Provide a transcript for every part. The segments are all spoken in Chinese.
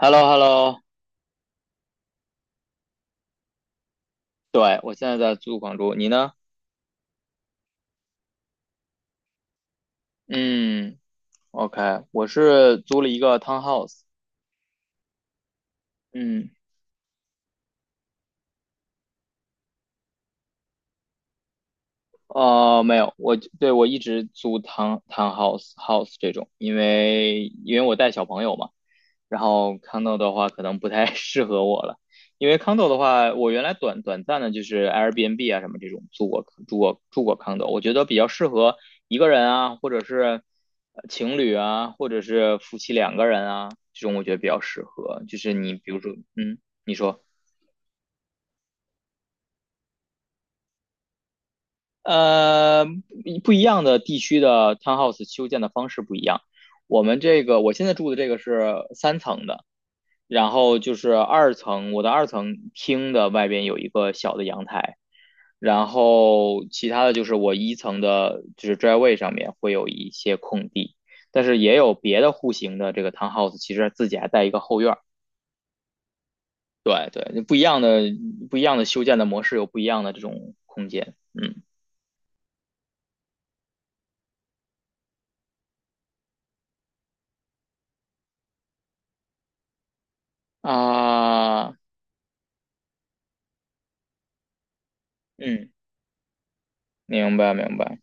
Hello, hello 对，我现在在租房住，你呢？嗯，OK，我是租了一个 townhouse。嗯，哦，没有，对我一直租 townhouse 这种，因为我带小朋友嘛，然后康豆的话可能不太 适合我了，因为康豆的话，我原来短暂的就是 Airbnb 啊什么这种住过康豆，我觉得比较适合一个人啊，或者是情侣啊，或者是夫妻两个人啊，这种我觉得比较适合。就是你比如说，你说，呃，不一样的地区的 townhouse 修建的方式不一样。我们这个我现在住的这个是三层的，然后就是二层，我的二层厅的外边有一个小的阳台，然后其他的就是我一层的，就是 driveway 上面会有一些空地，但是也有别的户型的这个 townhouse，其实自己还带一个后院儿。对对，不一样的修建的模式有不一样的这种空间。嗯啊，嗯，明白明白，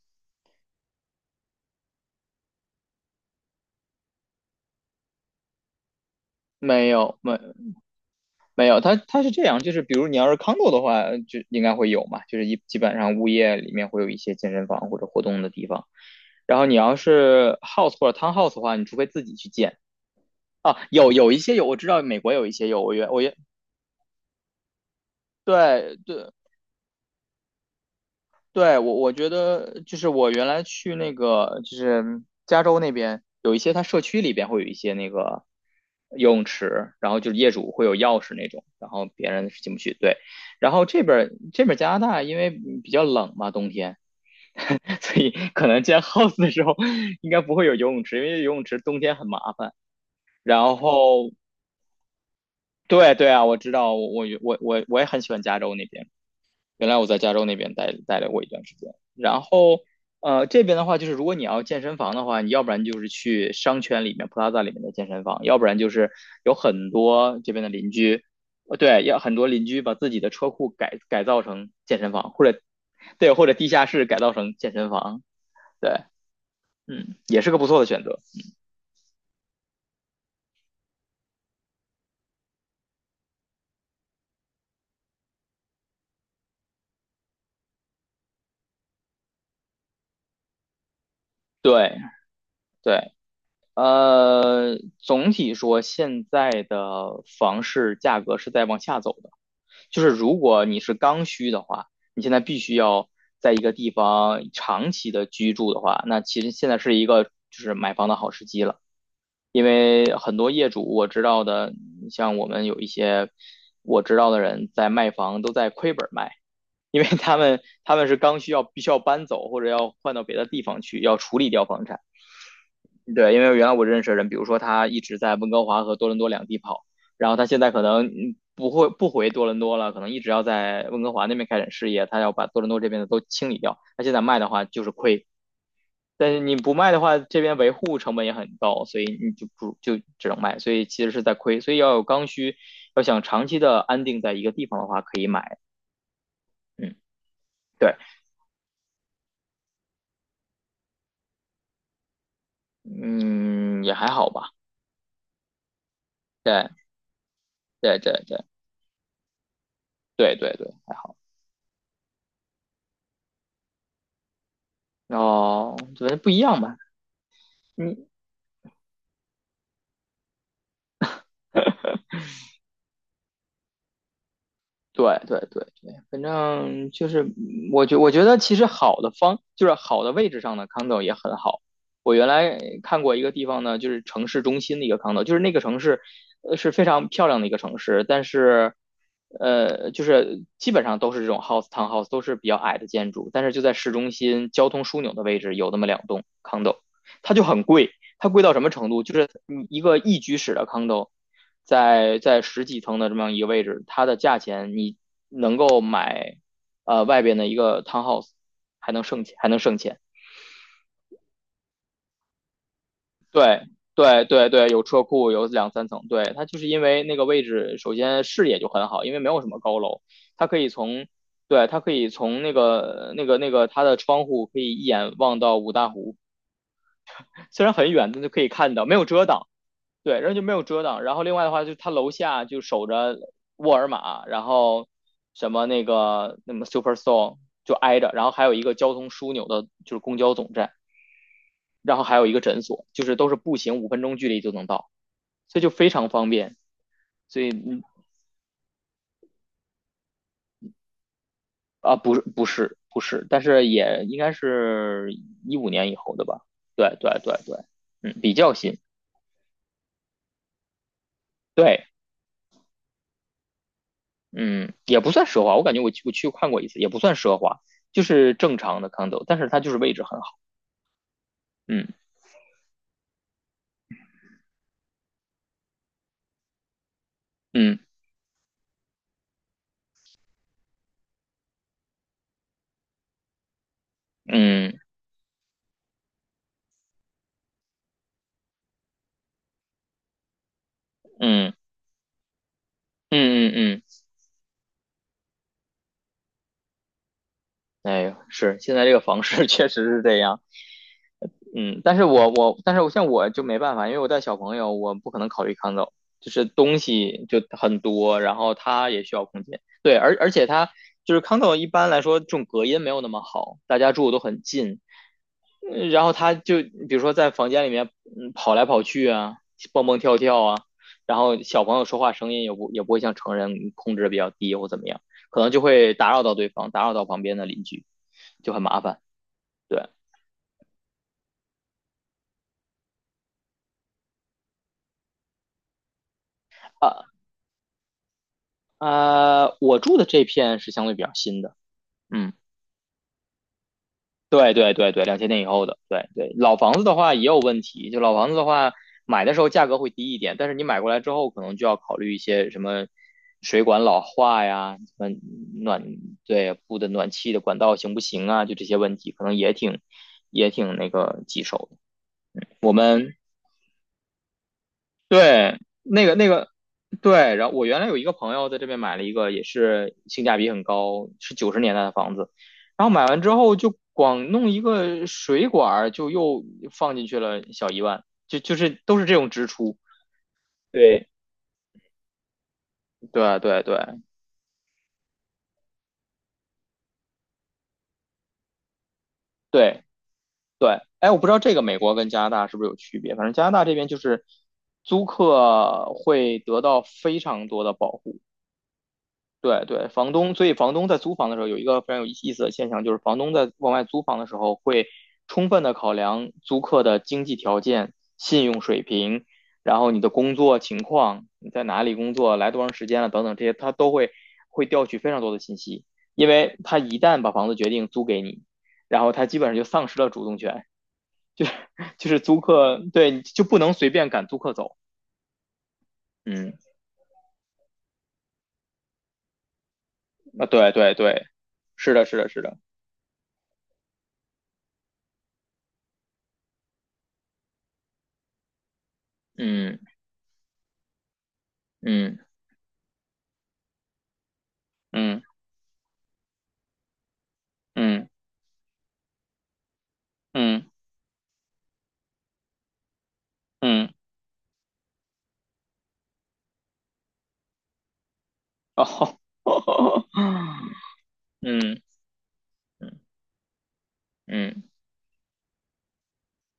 没有没没有，它是这样，就是比如你要是 condo 的话，就应该会有嘛，就是基本上物业里面会有一些健身房或者活动的地方。然后你要是 house 或者 townhouse 的话，你除非自己去建啊，有一些有，我知道美国有一些有，我原我原对对对，我觉得就是我原来去那个就是加州那边有一些，它社区里边会有一些那个游泳池，然后就是业主会有钥匙那种，然后别人是进不去。对，然后这边儿加拿大因为比较冷嘛，冬天，所以可能建 house 的时候应该不会有游泳池，因为游泳池冬天很麻烦。然后对对啊，我知道，我也很喜欢加州那边。原来我在加州那边待了过一段时间，然后这边的话，就是如果你要健身房的话，你要不然就是去商圈里面 p l a 里面的健身房，要不然就是有很多这边的邻居，对，要很多邻居把自己的车库改造成健身房，或者对，或者地下室改造成健身房，对，嗯，也是个不错的选择，对对。总体说，现在的房市价格是在往下走的。就是如果你是刚需的话，你现在必须要在一个地方长期的居住的话，那其实现在是一个就是买房的好时机了。因为很多业主我知道的，像我们有一些我知道的人在卖房都在亏本卖，因为他们是刚需要必须要搬走或者要换到别的地方去，要处理掉房产。对，因为原来我认识的人，比如说他一直在温哥华和多伦多两地跑，然后他现在可能不会不回多伦多了，可能一直要在温哥华那边开展事业，他要把多伦多这边的都清理掉。他现在卖的话就是亏，但是你不卖的话，这边维护成本也很高，所以你就不就只能卖，所以其实是在亏，所以要有刚需，要想长期的安定在一个地方的话，可以买。嗯，对，嗯，也还好吧，对对对对对对对，哦，觉得不一样吧。你对对对对，反正就是我觉得其实好的方就是好的位置上的 condo 也很好。我原来看过一个地方呢，就是城市中心的一个 condo，就是那个城市是非常漂亮的一个城市，但是就是基本上都是这种 house townhouse 都是比较矮的建筑，但是就在市中心交通枢纽的位置有那么两栋 condo，它就很贵。它贵到什么程度？就是你一个一居室的 condo，在十几层的这么样一个位置，它的价钱你能够买外边的一个 townhouse，还能剩钱，还能剩钱。对对对对，有车库，有两三层。对，它就是因为那个位置，首先视野就很好，因为没有什么高楼，它可以从对它可以从那个它的窗户可以一眼望到五大湖，虽然很远，但就可以看到，没有遮挡。对，然后就没有遮挡。然后另外的话，就他楼下就守着沃尔玛，然后什么那个那么 Superstore 就挨着，然后还有一个交通枢纽的，就是公交总站，然后还有一个诊所，就是都是步行5分钟距离就能到，所以就非常方便啊。不是不是不是，但是也应该是2015年以后的吧？对对对对，嗯，比较新，对，嗯，也不算奢华，我感觉我去看过一次，也不算奢华，就是正常的 condo，但是它就是位置很好。嗯嗯嗯嗯嗯嗯嗯，哎呦，是现在这个房市 确实是这样，嗯，但是我但是我像我就没办法，因为我带小朋友，我不可能考虑 condo，就是东西就很多，然后他也需要空间，对，而且他就是 condo 一般来说这种隔音没有那么好，大家住的都很近，然后他就比如说在房间里面，跑来跑去啊，蹦蹦跳跳啊，然后小朋友说话声音也不会像成人控制的比较低或怎么样，可能就会打扰到对方，打扰到旁边的邻居，就很麻烦。对，啊啊，我住的这片是相对比较新的，嗯。对对对对，2000年以后的，对对，老房子的话也有问题，就老房子的话，买的时候价格会低一点，但是你买过来之后，可能就要考虑一些什么水管老化呀，什么暖，对，布的暖气的管道行不行啊，就这些问题，可能也挺那个棘手的。我们对，那个对，然后我原来有一个朋友在这边买了一个，也是性价比很高，是90年代的房子。然后买完之后就光弄一个水管儿，就又放进去了小一万，就是都是这种支出。对，对对对对对，哎，我不知道这个美国跟加拿大是不是有区别，反正加拿大这边就是租客会得到非常多的保护。对对，房东，所以房东在租房的时候有一个非常有意思的现象，就是房东在往外租房的时候会充分的考量租客的经济条件、信用水平，然后你的工作情况，你在哪里工作，来多长时间了等等这些，他都会调取非常多的信息，因为他一旦把房子决定租给你，然后他基本上就丧失了主动权，就是租客，对，就不能随便赶租客走。嗯，啊，对对对，是的，是的，是的，嗯嗯嗯嗯。嗯嗯，哦，嗯嗯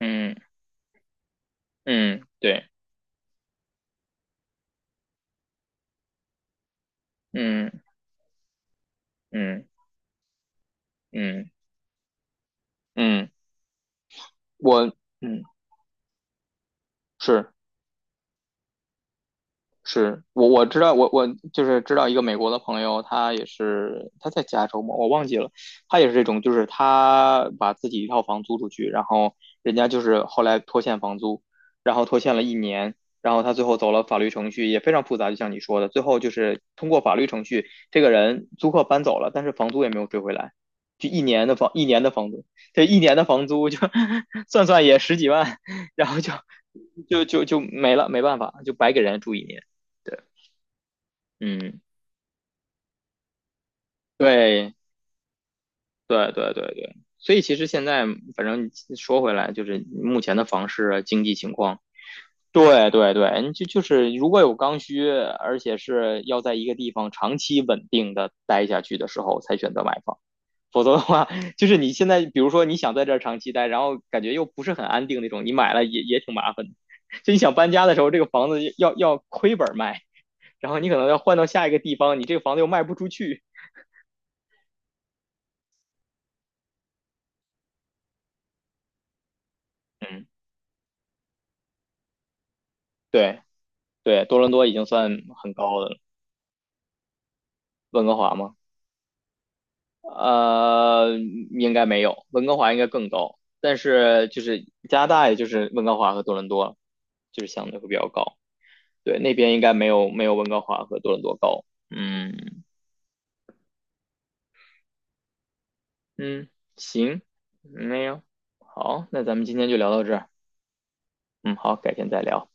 嗯嗯，对，嗯嗯嗯嗯，我嗯是。是我知道，我就是知道一个美国的朋友，他也是他在加州嘛，我忘记了，他也是这种，就是他把自己一套房租出去，然后人家就是后来拖欠房租，然后拖欠了一年，然后他最后走了法律程序，也非常复杂，就像你说的，最后就是通过法律程序，这个人租客搬走了，但是房租也没有追回来，就一年的房一年的房租，这一年的房租就 算算也十几万，然后就没了，没办法，就白给人家住一年。对，嗯，对对对对对，所以其实现在反正说回来，就是目前的房市啊经济情况，对对对，就是如果有刚需，而且是要在一个地方长期稳定的待下去的时候，才选择买房，否则的话，就是你现在比如说你想在这儿长期待，然后感觉又不是很安定那种，你买了也挺麻烦的，就你想搬家的时候，这个房子要亏本卖，然后你可能要换到下一个地方，你这个房子又卖不出去，嗯，对。对，多伦多已经算很高的了，温哥华吗？呃，应该没有，温哥华应该更高，但是就是加拿大，也就是温哥华和多伦多，就是相对会比较高。对，那边应该没有没有温哥华和多伦多高。嗯嗯，行，没有，好，那咱们今天就聊到这儿。嗯，好，改天再聊。